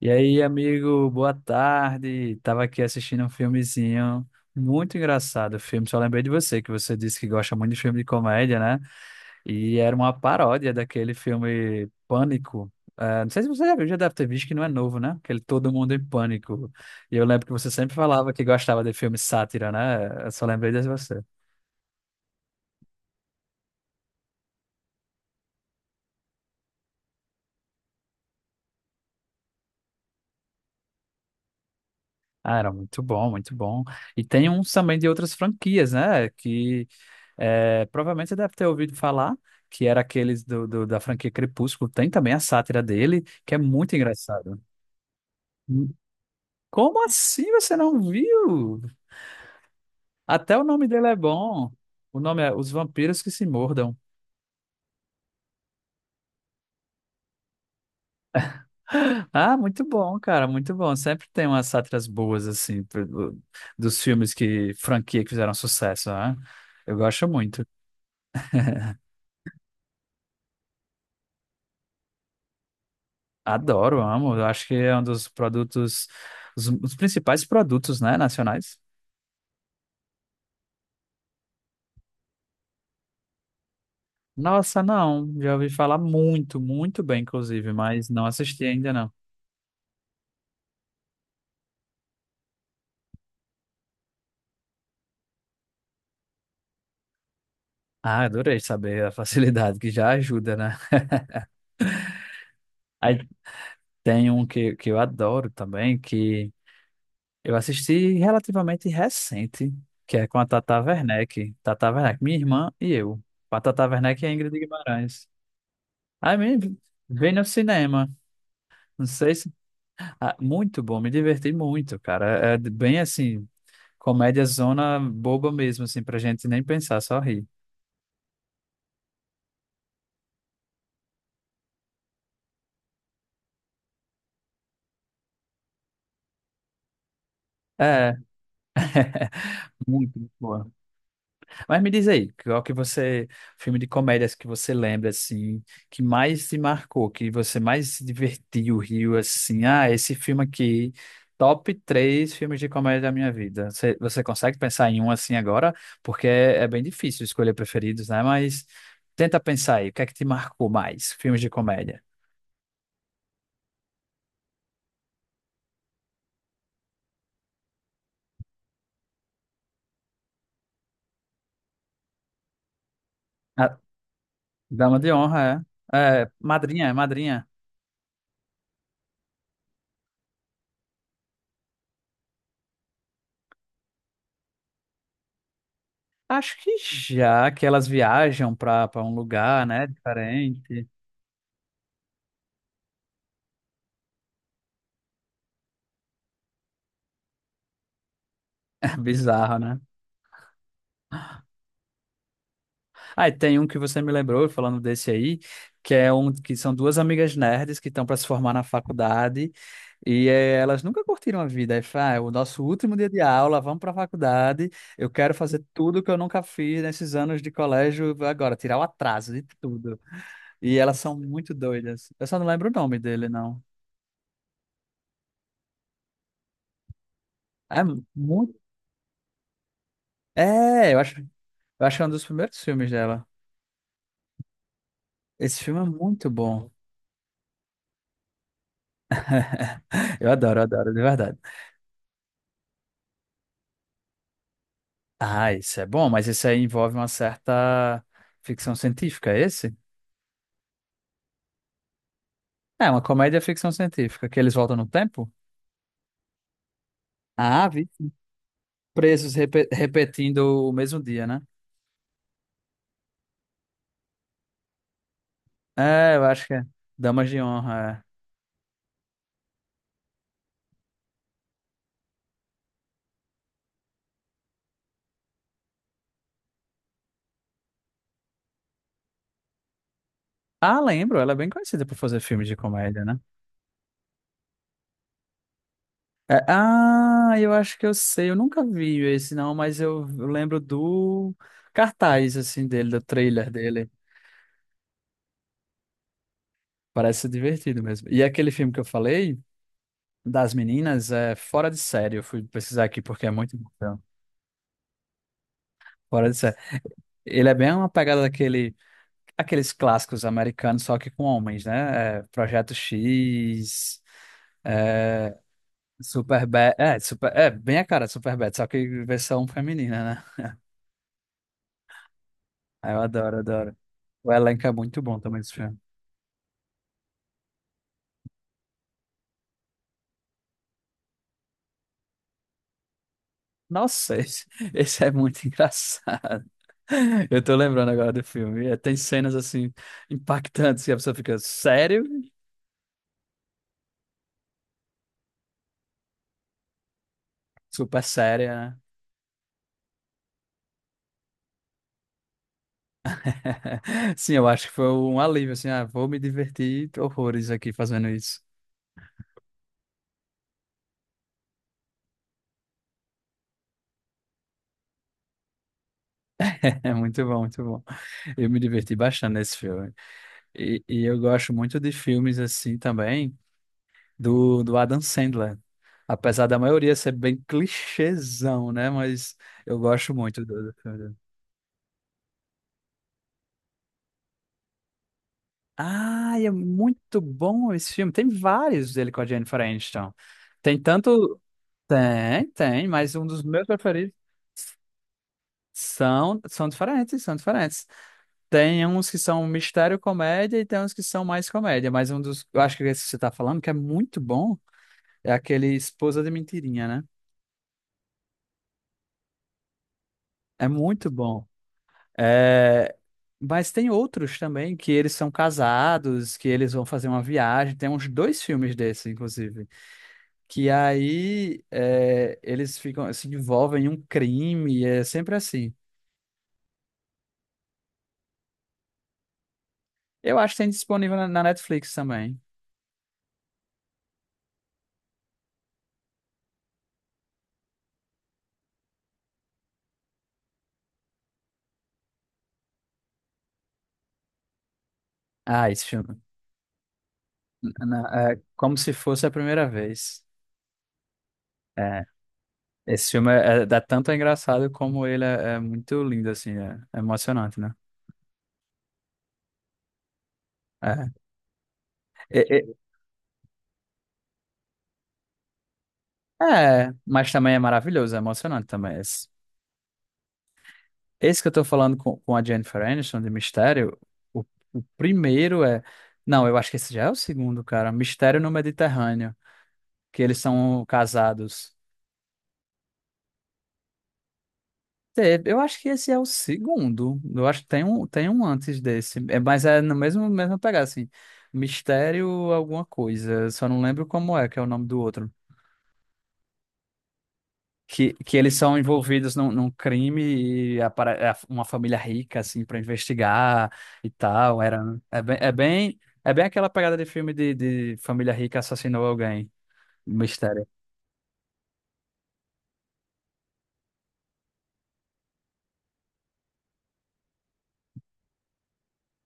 E aí, amigo, boa tarde. Tava aqui assistindo um filmezinho muito engraçado. O filme, só lembrei de você, que você disse que gosta muito de filme de comédia, né? E era uma paródia daquele filme Pânico. Não sei se você já viu, já deve ter visto que não é novo, né? Aquele Todo Mundo em Pânico. E eu lembro que você sempre falava que gostava de filme sátira, né? Eu só lembrei de você. Ah, era muito bom, muito bom. E tem uns também de outras franquias, né? Que É, provavelmente você deve ter ouvido falar que era aqueles da franquia Crepúsculo. Tem também a sátira dele, que é muito engraçado. Hum, Como assim você não viu? Até o nome dele é bom. O nome é Os Vampiros que Se Mordam. Ah, muito bom, cara, muito bom. Sempre tem umas sátiras boas, assim, dos filmes que, franquia que fizeram sucesso, né? Eu gosto muito. Adoro, amo. Eu acho que é um dos produtos, os principais produtos, né, nacionais. Nossa, não. Já ouvi falar muito, muito bem, inclusive, mas não assisti ainda não. Ah, adorei saber a facilidade que já ajuda, né? Aí tem um que eu adoro também, que eu assisti relativamente recente, que é com a Tata Werneck. Tata Werneck, minha irmã e eu. Com a Tata Werneck e a Ingrid Guimarães. Aí me vem no cinema. Não sei se. Ah, muito bom, me diverti muito, cara. É bem assim, comédia zona boba mesmo, assim, pra gente nem pensar, só rir. É, muito, muito boa. Mas me diz aí, qual que você, filme de comédias que você lembra, assim, que mais te marcou, que você mais se divertiu, riu, assim, ah, esse filme aqui, top três filmes de comédia da minha vida. Você consegue pensar em um assim agora? Porque é bem difícil escolher preferidos, né? Mas tenta pensar aí, o que é que te marcou mais, filmes de comédia? A Dama de Honra, é. É, Madrinha, é Madrinha. Acho que já que elas viajam para um lugar, né, diferente. Bizarro, né? Ah, e tem um que você me lembrou, falando desse aí, que é um que são duas amigas nerds que estão para se formar na faculdade e elas nunca curtiram a vida. Aí fala, ah, é o nosso último dia de aula, vamos para a faculdade. Eu quero fazer tudo que eu nunca fiz nesses anos de colégio agora, tirar o atraso de tudo. E elas são muito doidas. Eu só não lembro o nome dele, não. É muito. É, eu acho que é um dos primeiros filmes dela. Esse filme é muito bom. Eu adoro, de verdade. Ah, isso é bom, mas isso aí envolve uma certa ficção científica, é esse? É, uma comédia ficção científica, que eles voltam no tempo? Ah, vi. Presos repetindo o mesmo dia, né? É, eu acho que é. Damas de Honra. É. Ah, lembro, ela é bem conhecida por fazer filmes de comédia, né? É, ah, eu acho que eu sei, eu nunca vi esse não, mas eu lembro do cartaz, assim, dele, do trailer dele. Parece ser divertido mesmo. E aquele filme que eu falei. Das meninas é fora de série. Eu fui pesquisar aqui porque é muito bom. Fora de série. Ele é bem uma pegada daquele, aqueles clássicos americanos, só que com homens, né? É, Projeto X, é, Superbad. É, super, é, bem a cara de Superbad, só que versão feminina, né? Ah, eu adoro, adoro. O elenco é muito bom também desse filme. Nossa, esse, esse é muito engraçado. Eu tô lembrando agora do filme. É, tem cenas assim impactantes que a pessoa fica, sério? Super séria, né? Sim, eu acho que foi um alívio, assim, ah, vou me divertir horrores aqui fazendo isso. É muito bom, muito bom. Eu me diverti bastante nesse filme. E eu gosto muito de filmes, assim, também, do Adam Sandler. Apesar da maioria ser bem clichêzão, né? Mas eu gosto muito do filme dele. Ah, e é muito bom esse filme. Tem vários dele com a Jennifer Aniston. Tem tanto... Tem, tem, mas um dos meus preferidos. São, são diferentes, são diferentes. Tem uns que são mistério comédia e tem uns que são mais comédia, mas um dos, eu acho que é esse que você tá falando, que é muito bom, é aquele Esposa de Mentirinha, né? É muito bom. É... Mas tem outros também que eles são casados, que eles vão fazer uma viagem. Tem uns dois filmes desses, inclusive, que aí é, eles ficam, se envolvem em um crime, é sempre assim. Eu acho que tem disponível na Netflix também. Ah, esse filme. Não, é como se fosse a primeira vez. É, esse filme é, é, dá tanto engraçado como ele é, é muito lindo, assim, é, é emocionante, né? É, é, é, é, mas também é maravilhoso, é emocionante também. Esse que eu tô falando com a Jennifer Aniston de Mistério, o, o primeiro é. Não, eu acho que esse já é o segundo, cara. Mistério no Mediterrâneo, que eles são casados. Eu acho que esse é o segundo. Eu acho que tem um antes desse. É, mas é no mesmo, mesmo pegar, assim. Mistério alguma coisa. Só não lembro como é, que é o nome do outro. Que eles são envolvidos num crime e é uma família rica, assim, para investigar e tal. Era, é bem, é bem, é bem aquela pegada de filme de família rica assassinou alguém. Mistério.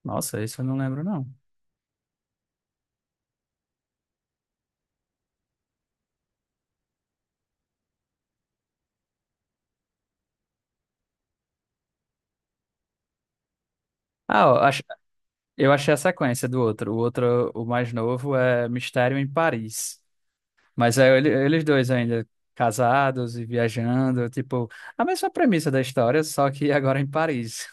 Nossa, isso eu não lembro, não. Ah, ó, eu achei a sequência do outro. O outro, o mais novo, é Mistério em Paris. Mas é eles dois ainda casados e viajando, tipo, a mesma premissa da história, só que agora em Paris.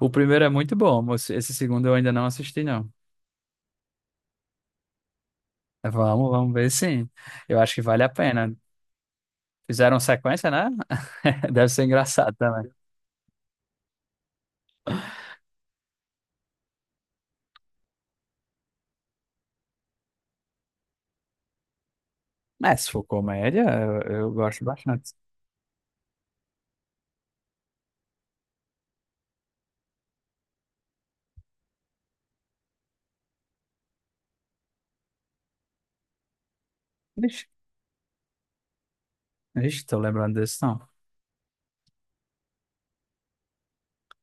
O primeiro é muito bom, mas esse segundo eu ainda não assisti, não. Vamos, vamos ver sim. Eu acho que vale a pena. Fizeram sequência, né? Deve ser engraçado também. Mas se for comédia, eu gosto bastante. Ixi, ixi, tô lembrando desse, não.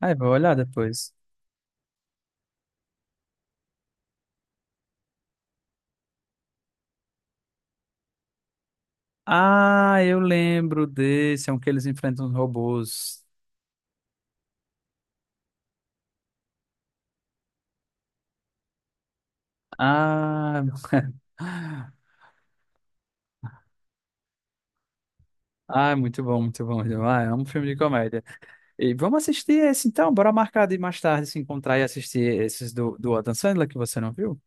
Aí, vou olhar depois. Ah, eu lembro desse, é um que eles enfrentam os robôs. Ah, ah, muito bom, muito bom. Ah, é um filme de comédia. E vamos assistir esse então, bora marcar de mais tarde se encontrar e assistir esses do Adam Sandler que você não viu?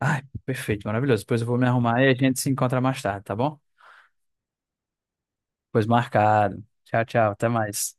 Ai, perfeito, maravilhoso. Depois eu vou me arrumar e a gente se encontra mais tarde, tá bom? Pois marcado. Tchau, tchau, até mais.